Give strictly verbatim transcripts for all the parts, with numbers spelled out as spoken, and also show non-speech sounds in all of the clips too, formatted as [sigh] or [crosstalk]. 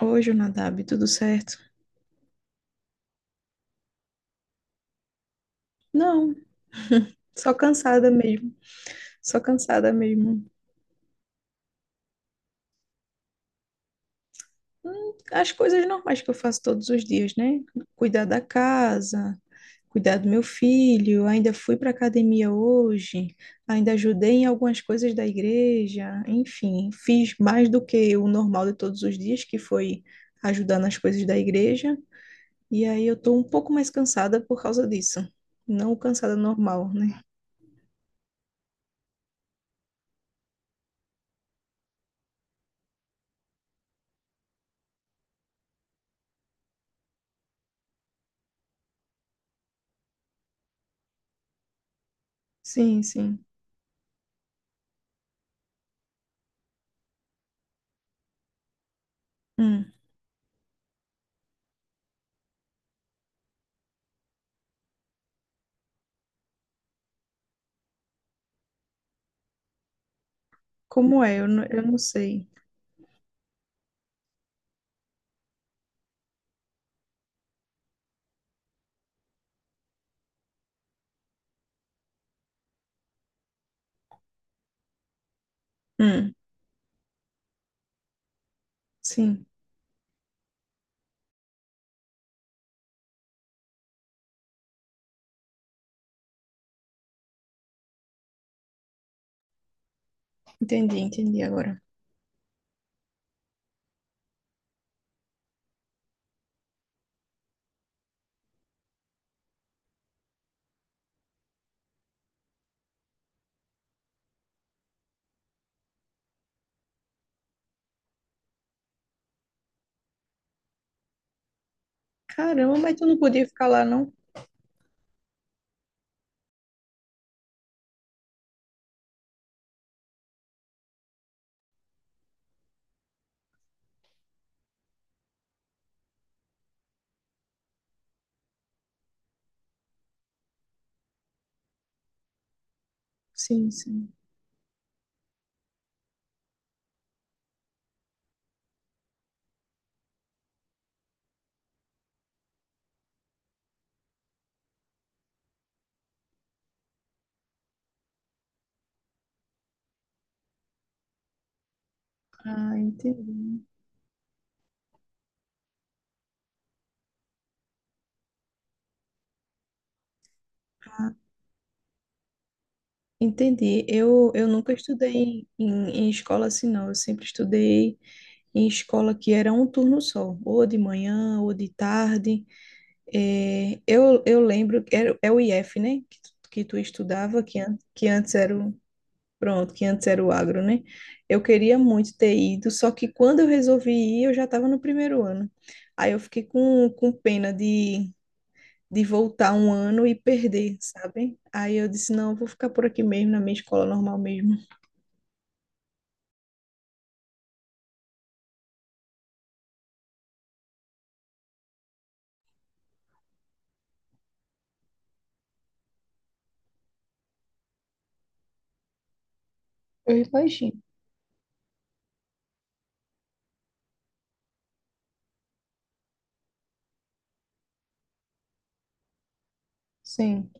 Hoje Jonadab, tudo certo? Não, só cansada mesmo. Só cansada mesmo. Hum, As coisas normais que eu faço todos os dias, né? Cuidar da casa, cuidar do meu filho. Ainda fui para academia hoje, ainda ajudei em algumas coisas da igreja. Enfim, fiz mais do que o normal de todos os dias, que foi ajudar nas coisas da igreja. E aí eu tô um pouco mais cansada por causa disso. Não cansada normal, né? Sim, sim. Como é? Eu não, eu não sei. Hum, sim, entendi, entendi agora. Caramba, mas tu não podia ficar lá, não? Sim, sim. Ah, entendi. Ah, entendi. Eu, eu nunca estudei em, em, em escola assim, não. Eu sempre estudei em escola que era um turno só, ou de manhã, ou de tarde. É, eu, eu lembro que era, é o I F, né? Que, tu- que tu estudava, que, an que antes era o. Pronto, que antes era o agro, né? Eu queria muito ter ido, só que quando eu resolvi ir, eu já estava no primeiro ano. Aí eu fiquei com, com pena de, de voltar um ano e perder, sabe? Aí eu disse, não, eu vou ficar por aqui mesmo, na minha escola normal mesmo. Eu imagino. Sim,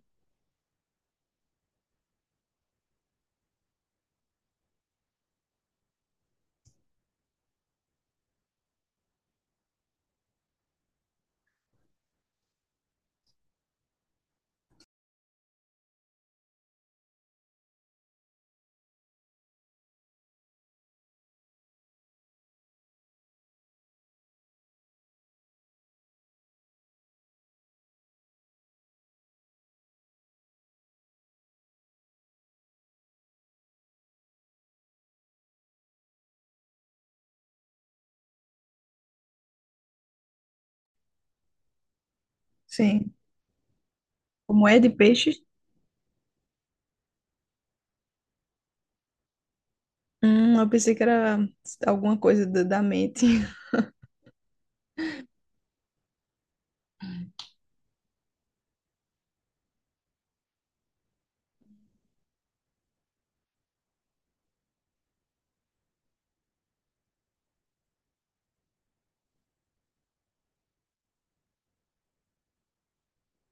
sim. Como é de peixe? Hum, eu pensei que era alguma coisa da da mente.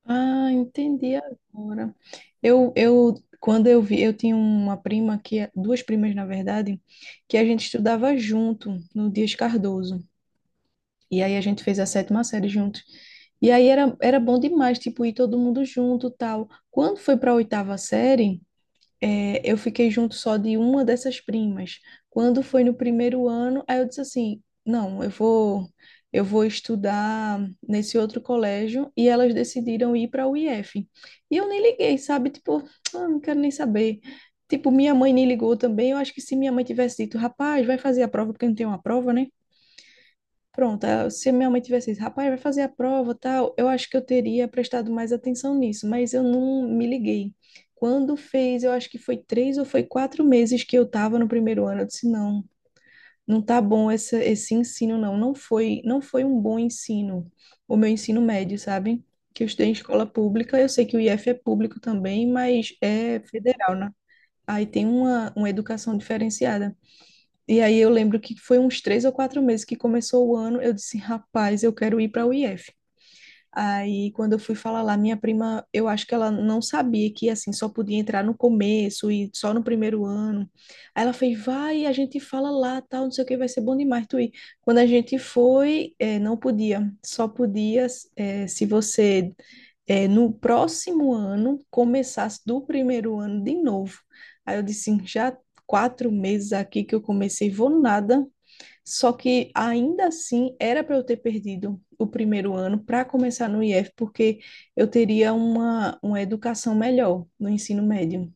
Ah, entendi agora. Eu, eu, quando eu vi, eu tinha uma prima que, duas primas, na verdade, que a gente estudava junto no Dias Cardoso. E aí a gente fez a sétima série juntos. E aí era, era bom demais, tipo, ir todo mundo junto, tal. Quando foi para a oitava série, é, eu fiquei junto só de uma dessas primas. Quando foi no primeiro ano, aí eu disse assim, não, eu vou, eu vou estudar nesse outro colégio e elas decidiram ir para o I F. E eu nem liguei, sabe? Tipo, [tsk] ah, não quero nem saber. Tipo, minha mãe nem ligou também. Eu acho que se minha mãe tivesse dito, rapaz, vai fazer a prova porque não tem uma prova, né? Pronto, ah, se minha mãe tivesse dito, rapaz, vai fazer a prova, tal, eu acho que eu teria prestado mais atenção nisso, mas eu não me liguei. Quando fez, eu acho que foi três ou foi quatro meses que eu estava no primeiro ano, eu disse, não, não tá bom essa, esse ensino, não, não foi, não foi um bom ensino, o meu ensino médio, sabe? Que eu estudei em escola pública, eu sei que o I F é público também, mas é federal, né? Aí tem uma, uma educação diferenciada. E aí eu lembro que foi uns três ou quatro meses que começou o ano, eu disse, rapaz, eu quero ir para o I F. Aí quando eu fui falar lá, minha prima, eu acho que ela não sabia que assim só podia entrar no começo e só no primeiro ano. Aí ela fez, vai, a gente fala lá, tal, não sei o que, vai ser bom demais tu ir. Quando a gente foi, eh, não podia, só podia eh, se você é, no próximo ano começasse do primeiro ano de novo. Aí eu disse, já quatro meses aqui que eu comecei, vou nada. Só que ainda assim era para eu ter perdido o primeiro ano para começar no I F, porque eu teria uma, uma educação melhor no ensino médio.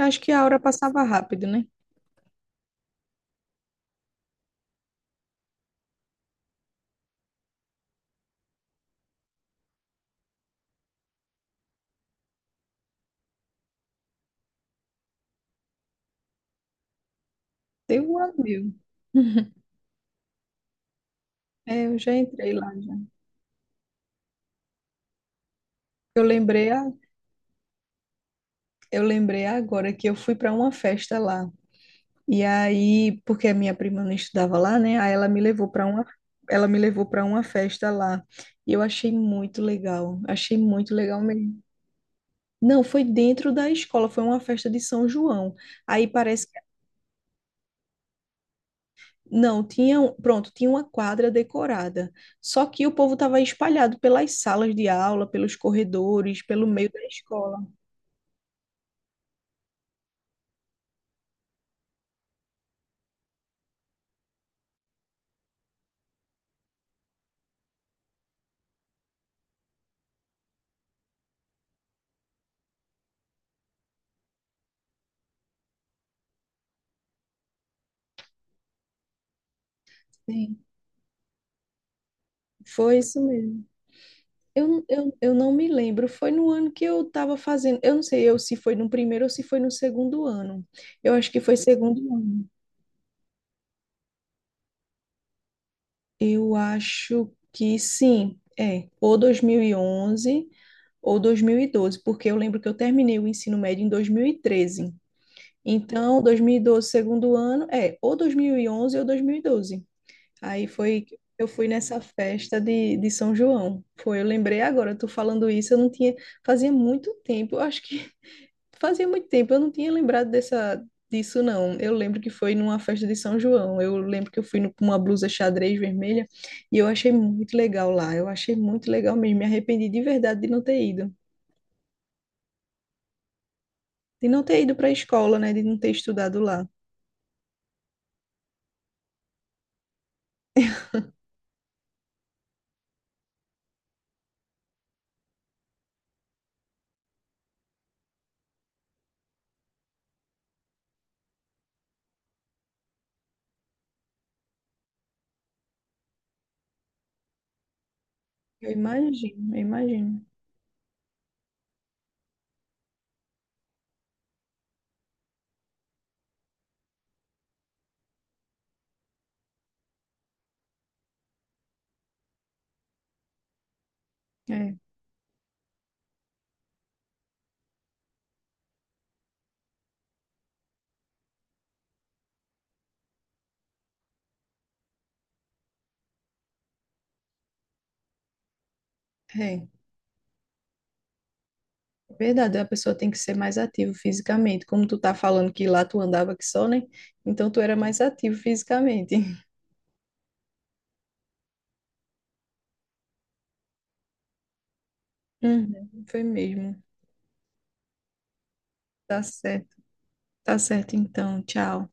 Acho que a hora passava rápido, né? Deu um ano meu. [laughs] É, eu já entrei lá, já. Eu lembrei, a- eu lembrei agora que eu fui para uma festa lá. E aí, porque a minha prima não estudava lá, né? Aí ela me levou para uma, ela me levou para uma festa lá. E eu achei muito legal, achei muito legal mesmo. Não, foi dentro da escola, foi uma festa de São João. Aí parece que não, tinha, um- pronto, tinha uma quadra decorada. Só que o povo estava espalhado pelas salas de aula, pelos corredores, pelo meio da escola. Sim. Foi isso mesmo. Eu, eu, eu não me lembro, foi no ano que eu estava fazendo, eu não sei eu se foi no primeiro ou se foi no segundo ano. Eu acho que foi segundo ano. Eu acho que sim, é, ou dois mil e onze ou dois mil e doze, porque eu lembro que eu terminei o ensino médio em dois mil e treze. Então, dois mil e doze, segundo ano, é, ou dois mil e onze ou dois mil e doze. Aí foi, que eu fui nessa festa de, de São João. Foi, eu lembrei agora, tu falando isso, eu não tinha, fazia muito tempo, eu acho que fazia muito tempo, eu não tinha lembrado dessa, disso, não. Eu lembro que foi numa festa de São João. Eu lembro que eu fui no- com uma blusa xadrez vermelha e eu achei muito legal lá. Eu achei muito legal mesmo. Me arrependi de verdade de não ter ido. De não ter ido para a escola, né? De não ter estudado lá. Eu imagino, eu imagino. É, é. É verdade, a pessoa tem que ser mais ativa fisicamente. Como tu tá falando que lá tu andava que só, né? Então tu era mais ativo fisicamente. [laughs] Uhum, foi mesmo. Tá certo. Tá certo então. Tchau.